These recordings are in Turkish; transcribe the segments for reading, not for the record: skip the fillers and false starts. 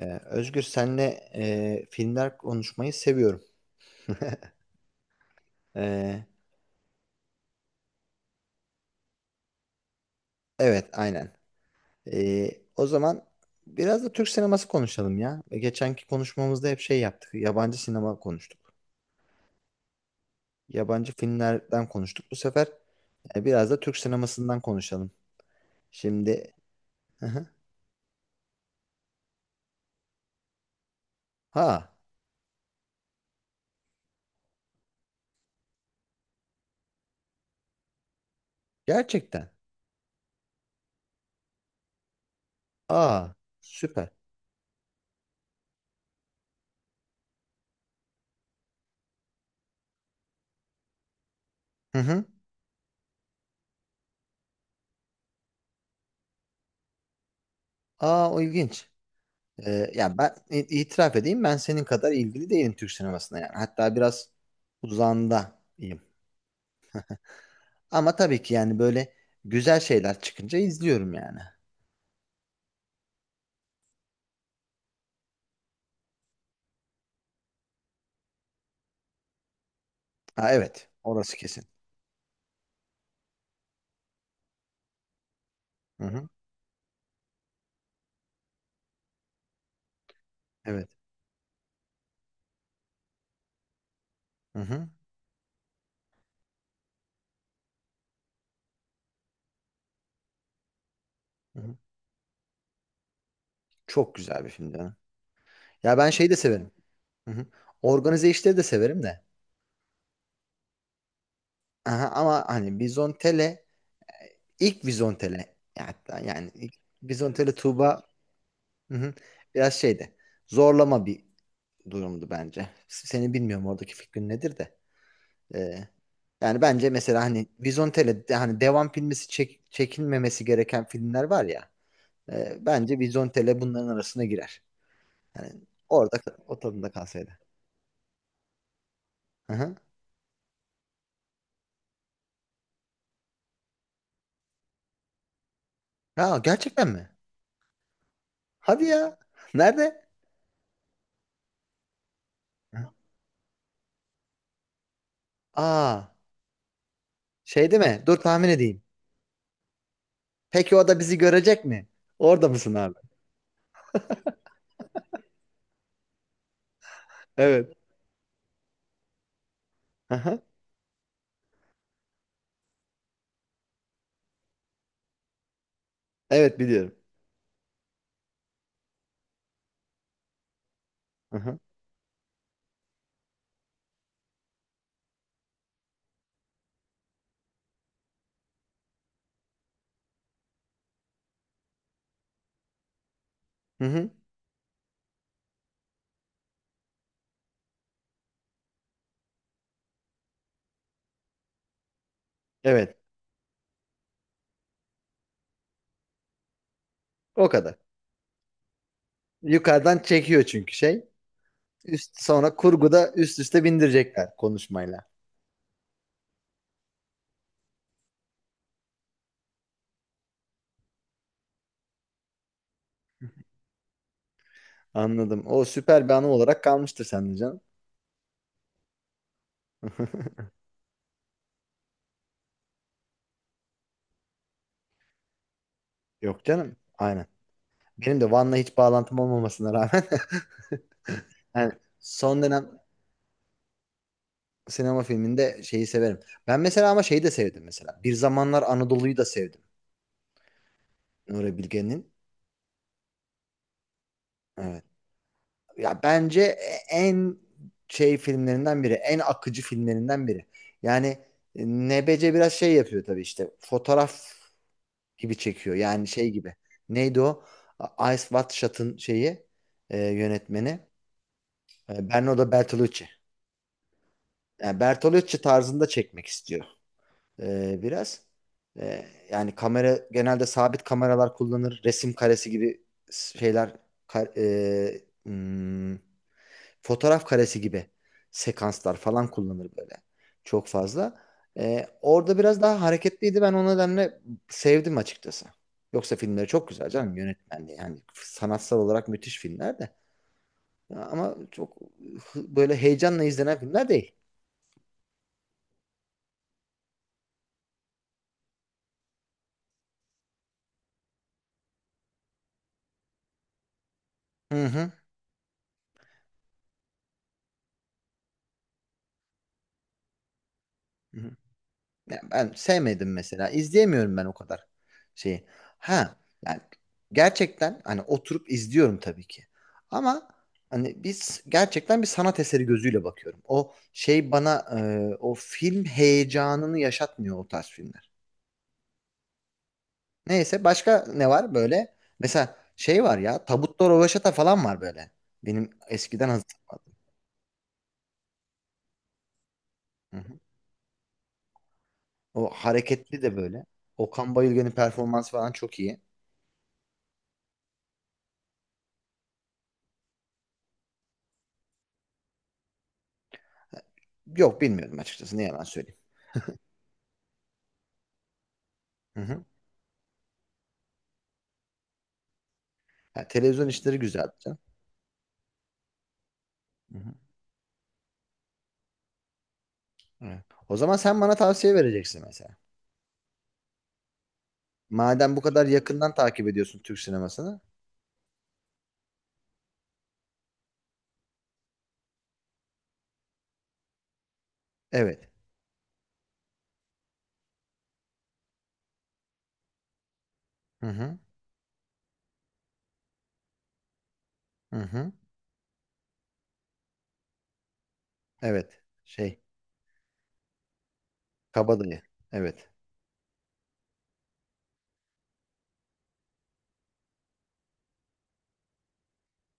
Özgür senle filmler konuşmayı seviyorum. Ee, evet, aynen. Ee, O zaman biraz da Türk sineması konuşalım ya. Geçenki konuşmamızda hep şey yaptık. Yabancı sinema konuştuk. Yabancı filmlerden konuştuk. Bu sefer biraz da Türk sinemasından konuşalım. Şimdi. Hı hı. Ha, gerçekten. Aa, süper. Hı hı. Aa, o ilginç. Ya ben itiraf edeyim, ben senin kadar ilgili değilim Türk sinemasına yani. Hatta biraz uzağındayım. Ama tabii ki yani böyle güzel şeyler çıkınca izliyorum yani. Ha, evet, orası kesin. Hı hı. Evet. Hı hı. Hı hı. Çok güzel bir film canım. Ya ben şeyi de severim. Hı hı. Organize işleri de severim de. Aha, ama hani ilk Vizontele ya, hatta yani ilk Vizontele Tuğba, hı hı, biraz şeydi. Zorlama bir durumdu bence. Seni bilmiyorum, oradaki fikrin nedir de. Ee, Yani bence mesela hani Vizontele hani devam filmisi çekilmemesi gereken filmler var ya. Bence Vizontele bunların arasına girer. Yani orada o tadında kalsaydı. Hı hı. Ha, gerçekten mi? Hadi ya. Nerede? Hı. Aa, şey değil mi? Dur tahmin edeyim. Peki o da bizi görecek mi? Orada mısın abi? Evet. Hı hı. Evet, biliyorum. Hı hı. Hı hı. Evet. O kadar. Yukarıdan çekiyor çünkü şey. Sonra kurguda üst üste bindirecekler konuşmayla. Anladım. O süper bir anı olarak kalmıştır sende canım. Yok canım. Aynen. Benim de Van'la hiç bağlantım olmamasına rağmen yani son dönem sinema filminde şeyi severim. Ben mesela, ama şeyi de sevdim mesela. Bir Zamanlar Anadolu'yu da sevdim. Nuri Bilge'nin. Evet. Ya bence en şey filmlerinden biri, en akıcı filmlerinden biri. Yani Nebece biraz şey yapıyor tabii işte. Fotoğraf gibi çekiyor. Yani şey gibi. Neydi o? Ice Watch Shot'ın şeyi yönetmeni. Bernardo Bertolucci. Yani Bertolucci tarzında çekmek istiyor biraz. E, Yani kamera genelde sabit kameralar kullanır. Resim karesi gibi şeyler ka- e, hmm, fotoğraf karesi gibi sekanslar falan kullanır böyle. Çok fazla. Orada biraz daha hareketliydi. Ben o nedenle sevdim açıkçası. Yoksa filmleri çok güzel canım, yönetmenliği. Yani sanatsal olarak müthiş filmler de. Ama çok böyle heyecanla izlenen filmler değil. Hı hı. Ya ben sevmedim mesela. İzleyemiyorum ben o kadar şeyi. Ha, yani gerçekten hani oturup izliyorum tabii ki. Ama hani biz gerçekten bir sanat eseri gözüyle bakıyorum. O şey bana o film heyecanını yaşatmıyor, o tarz filmler. Neyse, başka ne var böyle? Mesela şey var ya, Tabutta Röveşata falan var böyle. Benim eskiden hatırladım. Hı hı. O hareketli de böyle. Okan Bayülgen'in performansı falan çok iyi. Yok, bilmiyorum açıkçası, ne yalan söyleyeyim. Hı hı. Ha, televizyon işleri güzel canım. Hı hı. Evet. O zaman sen bana tavsiye vereceksin mesela. Madem bu kadar yakından takip ediyorsun Türk sinemasını. Evet. Hı hı. Hı hı. Evet. Şey, Kabadayı. Evet.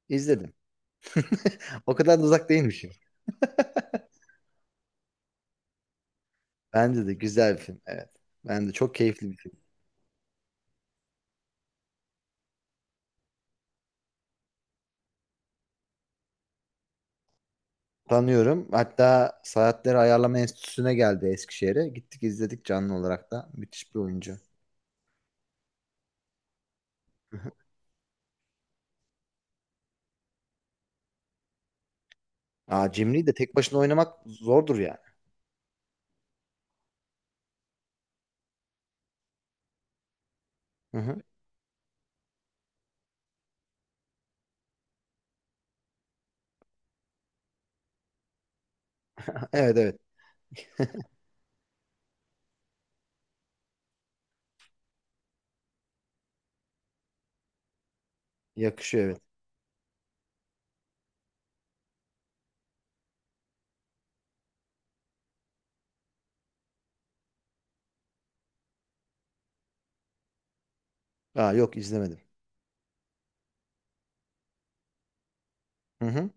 İzledim. O kadar da uzak değilmişim. Bence de güzel bir film. Evet. Ben de çok keyifli bir film. Tanıyorum. Hatta Saatleri Ayarlama Enstitüsü'ne geldi Eskişehir'e. Gittik izledik canlı olarak da. Müthiş bir oyuncu. Hı hı. Aa, Cimri'yi de tek başına oynamak zordur yani. Hı hı. Evet, evet. Yakışıyor, evet. Aa, yok izlemedim. Hı hı.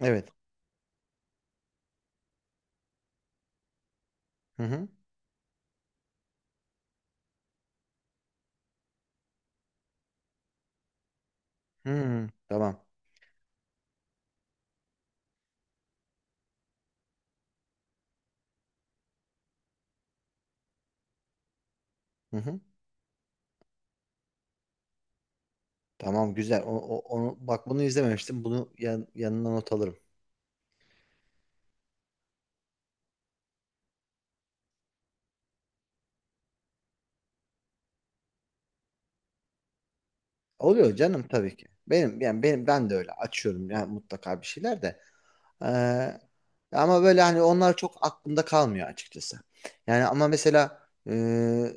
Evet. Hı hı. Hı. Tamam. Hı hı. Tamam, güzel. Onu bak, bunu izlememiştim. Bunu yanına not alırım. Oluyor canım tabii ki. Benim yani ben de öyle açıyorum yani, mutlaka bir şeyler de. Ee, Ama böyle hani onlar çok aklımda kalmıyor açıkçası. Yani ama mesela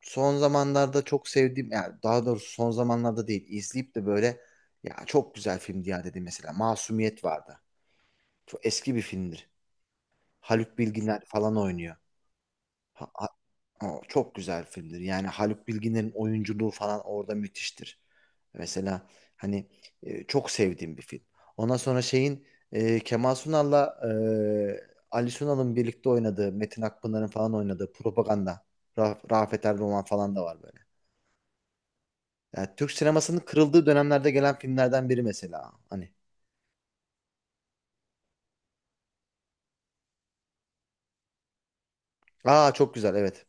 son zamanlarda çok sevdiğim, yani daha doğrusu son zamanlarda değil, izleyip de böyle ya çok güzel film diye dedi mesela, Masumiyet vardı. Çok eski bir filmdir. Haluk Bilginer falan oynuyor. Ha- ha- O çok güzel filmdir. Yani Haluk Bilginer'in oyunculuğu falan orada müthiştir. Mesela hani çok sevdiğim bir film. Ondan sonra şeyin Kemal Sunal'la Ali Sunal'ın birlikte oynadığı, Metin Akpınar'ın falan oynadığı Propaganda, Rafet Erdoğan falan da var böyle. Yani Türk sinemasının kırıldığı dönemlerde gelen filmlerden biri mesela. Hani. Aa, çok güzel, evet.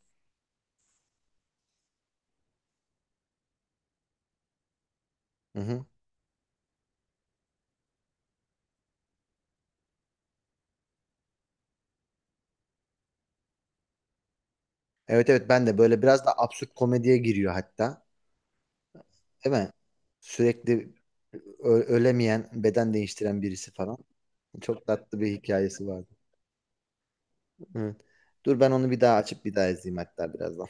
Hı hı. Evet, evet, ben de böyle biraz da absürt komediye giriyor hatta. Değil mi? Sürekli ölemeyen, beden değiştiren birisi falan. Çok tatlı bir hikayesi vardı. Evet. Dur, ben onu bir daha açıp bir daha izleyeyim hatta birazdan.